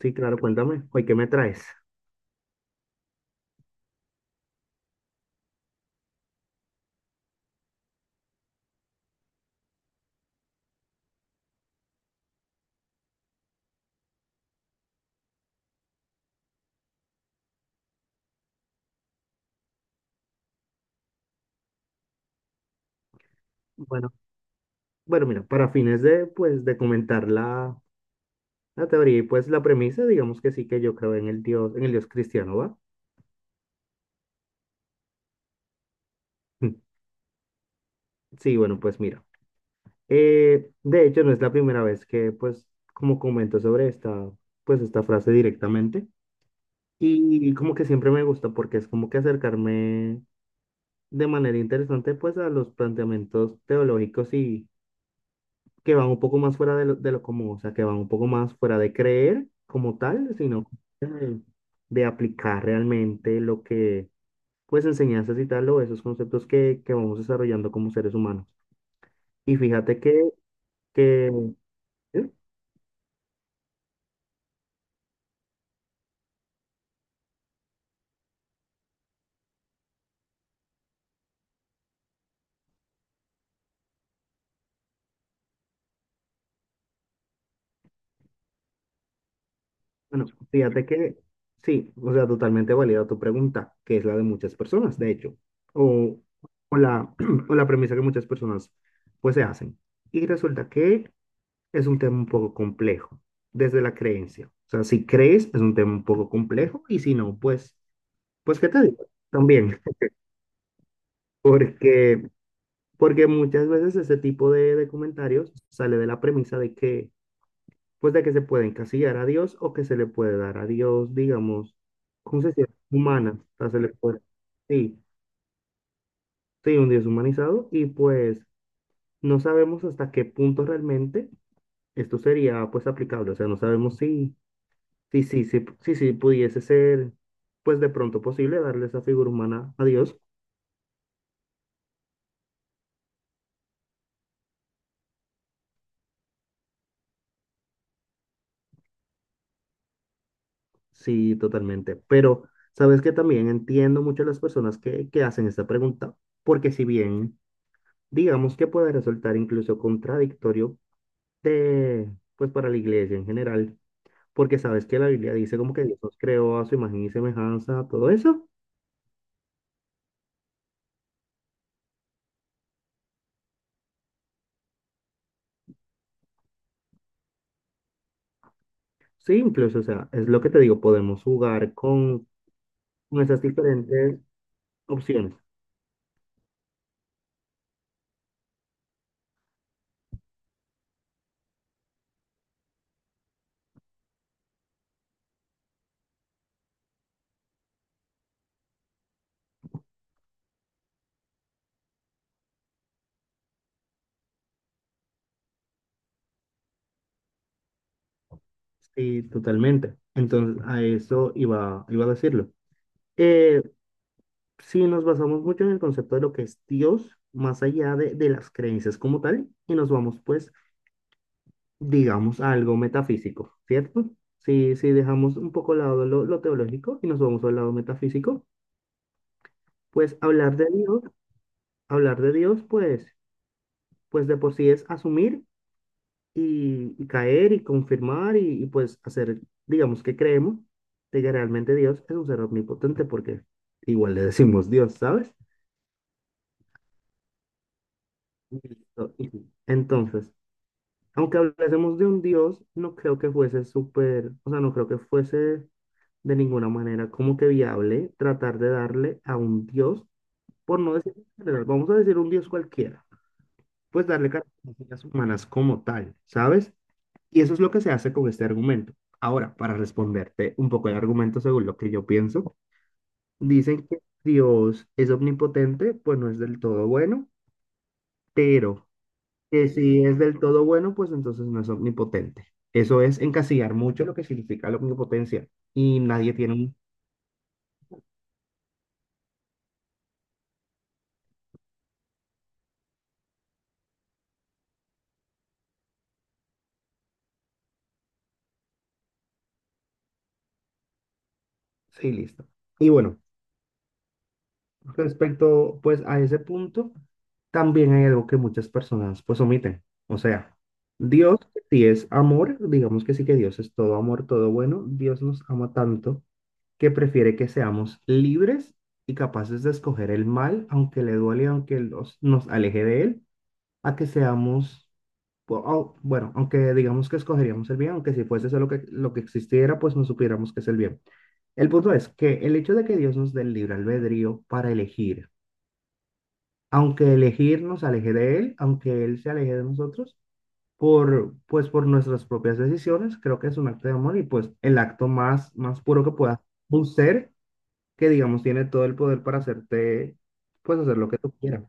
Sí, claro, cuéntame. Oye, ¿qué me traes? Bueno, bueno, mira, para fines pues, de comentar la teoría y pues la premisa, digamos que sí que yo creo en el Dios cristiano, ¿va? Sí, bueno, pues mira. De hecho, no es la primera vez pues, como comento sobre pues, esta frase directamente. Y como que siempre me gusta porque es como que acercarme de manera interesante, pues, a los planteamientos teológicos que van un poco más fuera de de lo común, o sea, que van un poco más fuera de creer como tal, sino de, de aplicar realmente lo que, pues, enseñanzas y tal, o esos conceptos que vamos desarrollando como seres humanos. Y fíjate que, ¿eh? Bueno, fíjate que, sí, o sea, totalmente válida tu pregunta, que es la de muchas personas, de hecho, o, o la, o la premisa que muchas personas, pues, se hacen. Y resulta que es un tema un poco complejo, desde la creencia. O sea, si crees, es un tema un poco complejo, y si no, pues, pues, ¿qué te digo? También, porque, porque muchas veces ese tipo de comentarios sale de la premisa de pues, de que se puede encasillar a Dios o que se le puede dar a Dios, digamos, concesiones humanas, o sea, se le puede, sí, sí, un Dios humanizado, y pues no sabemos hasta qué punto realmente esto sería, pues, aplicable, o sea, no sabemos si sí, sí, sí, sí, sí, pudiese ser, pues de pronto posible darle esa figura humana a Dios, sí, totalmente. Pero, ¿sabes que también entiendo mucho a las personas que hacen esta pregunta, porque si bien, digamos que puede resultar incluso contradictorio de, pues para la iglesia en general, porque sabes que la Biblia dice como que Dios nos creó a su imagen y semejanza, todo eso? Sí, incluso, o sea, es lo que te digo, podemos jugar con esas diferentes opciones. Sí, totalmente. Entonces, a eso iba, iba a decirlo. Eh, sí, nos basamos mucho en el concepto de lo que es Dios, más allá de las creencias como tal, y nos vamos, pues, digamos, a algo metafísico, ¿cierto? Si, si dejamos un poco al lado lo teológico y nos vamos al lado metafísico, pues hablar de Dios, pues, pues de por sí es asumir y caer y confirmar y, pues hacer, digamos, que creemos de que realmente Dios es un ser omnipotente porque igual le decimos Dios, ¿sabes? Listo. Entonces, aunque hablásemos de un Dios, no creo que fuese súper, o sea, no creo que fuese de ninguna manera como que viable tratar de darle a un Dios, por no decir en general, vamos a decir un Dios cualquiera, pues darle características humanas como tal, ¿sabes? Y eso es lo que se hace con este argumento. Ahora, para responderte un poco el argumento según lo que yo pienso, dicen que Dios es omnipotente, pues no es del todo bueno, pero que si es del todo bueno, pues entonces no es omnipotente. Eso es encasillar mucho lo que significa la omnipotencia y nadie tiene un... Sí, listo. Y bueno, respecto, pues, a ese punto, también hay algo que muchas personas, pues, omiten. O sea, Dios, si es amor, digamos que sí que Dios es todo amor, todo bueno, Dios nos ama tanto que prefiere que seamos libres y capaces de escoger el mal, aunque le duele, aunque nos aleje de él, a que seamos, bueno, aunque digamos que escogeríamos el bien, aunque si fuese eso lo lo que existiera, pues no supiéramos que es el bien. El punto es que el hecho de que Dios nos dé el libre albedrío para elegir, aunque elegir nos aleje de él, aunque él se aleje de nosotros, pues por nuestras propias decisiones, creo que es un acto de amor y pues el acto más, más puro que pueda. Un ser que, digamos, tiene todo el poder para hacerte, pues hacer lo que tú quieras.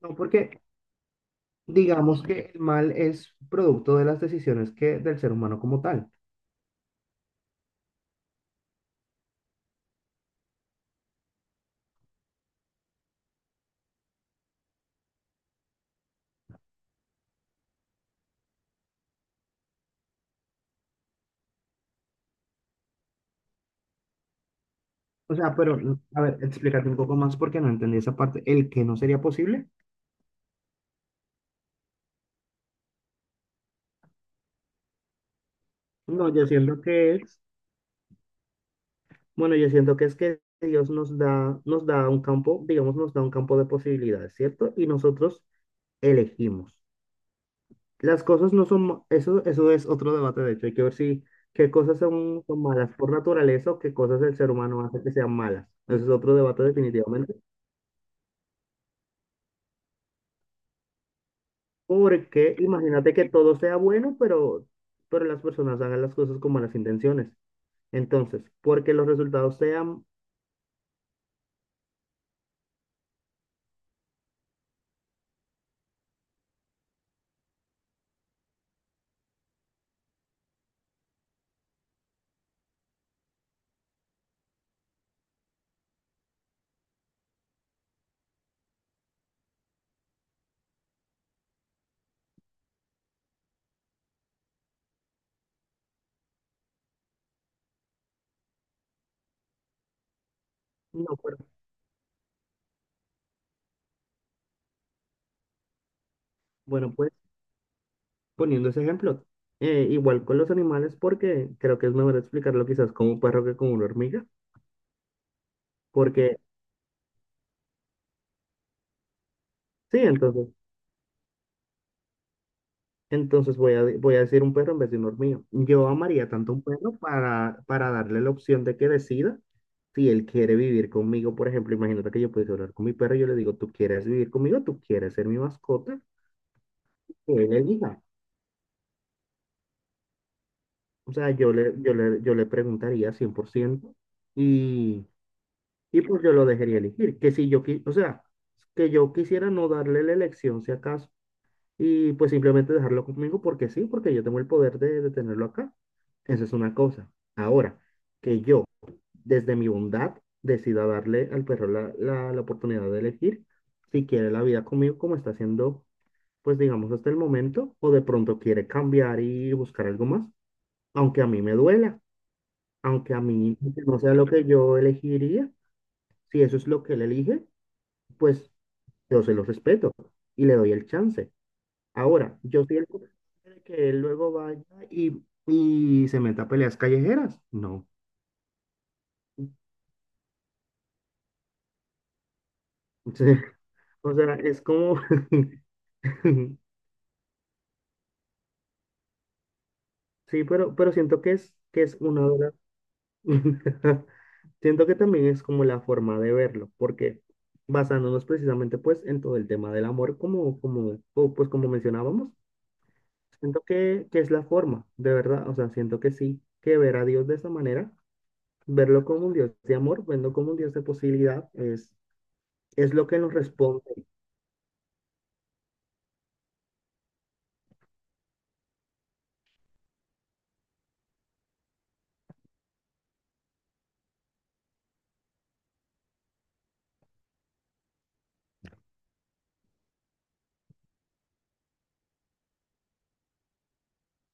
No, porque digamos que el mal es producto de las decisiones que del ser humano como tal. O sea, pero, a ver, explícate un poco más porque no entendí esa parte. ¿El que no sería posible? No, yo siento que es bueno, yo siento que es que Dios nos da un campo, digamos, nos da un campo de posibilidades, ¿cierto? Y nosotros elegimos. Las cosas no son, eso, eso es otro debate, de hecho, hay que ver si qué cosas son, son malas por naturaleza o qué cosas el ser humano hace que sean malas. Eso es otro debate definitivamente. Porque imagínate que todo sea bueno, pero las personas hagan las cosas con malas intenciones. Entonces, porque los resultados sean, no, bueno, bueno, pues poniendo ese ejemplo. Igual con los animales, porque creo que es mejor explicarlo quizás con un perro que con una hormiga, porque sí, entonces, entonces voy voy a decir un perro en vez de una hormiga. Yo amaría tanto un perro para darle la opción de que decida si él quiere vivir conmigo. Por ejemplo, imagínate que yo pudiese hablar con mi perro y yo le digo, ¿tú quieres vivir conmigo? ¿Tú quieres ser mi mascota? Que él elija. O sea, yo le preguntaría 100% y... Y pues yo lo dejaría elegir, que si yo, o sea, que yo quisiera no darle la elección si acaso, y pues simplemente dejarlo conmigo porque sí, porque yo tengo el poder de tenerlo acá. Esa es una cosa. Ahora, que yo, desde mi bondad, decida darle al perro la oportunidad de elegir si quiere la vida conmigo como está haciendo, pues digamos hasta el momento, o de pronto quiere cambiar y buscar algo más, aunque a mí me duela, aunque a mí no sea lo que yo elegiría, si eso es lo que él elige, pues yo se los respeto y le doy el chance. Ahora, yo soy el de que él luego vaya y se meta a peleas callejeras. No. O sea, o sea, es como... Sí, pero siento que es, que es una de las. Siento que también es como la forma de verlo, porque basándonos precisamente pues en todo el tema del amor, pues como mencionábamos, siento que es la forma, de verdad, o sea, siento que sí, que ver a Dios de esa manera. Verlo como un Dios de amor, verlo como un Dios de posibilidad, es lo que nos responde.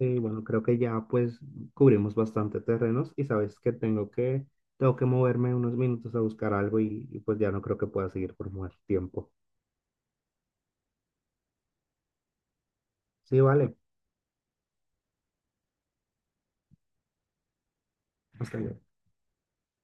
Y bueno, creo que ya pues cubrimos bastante terrenos y sabes que tengo que, tengo que moverme unos minutos a buscar algo y pues ya no creo que pueda seguir por más tiempo. Sí, vale. Hasta luego.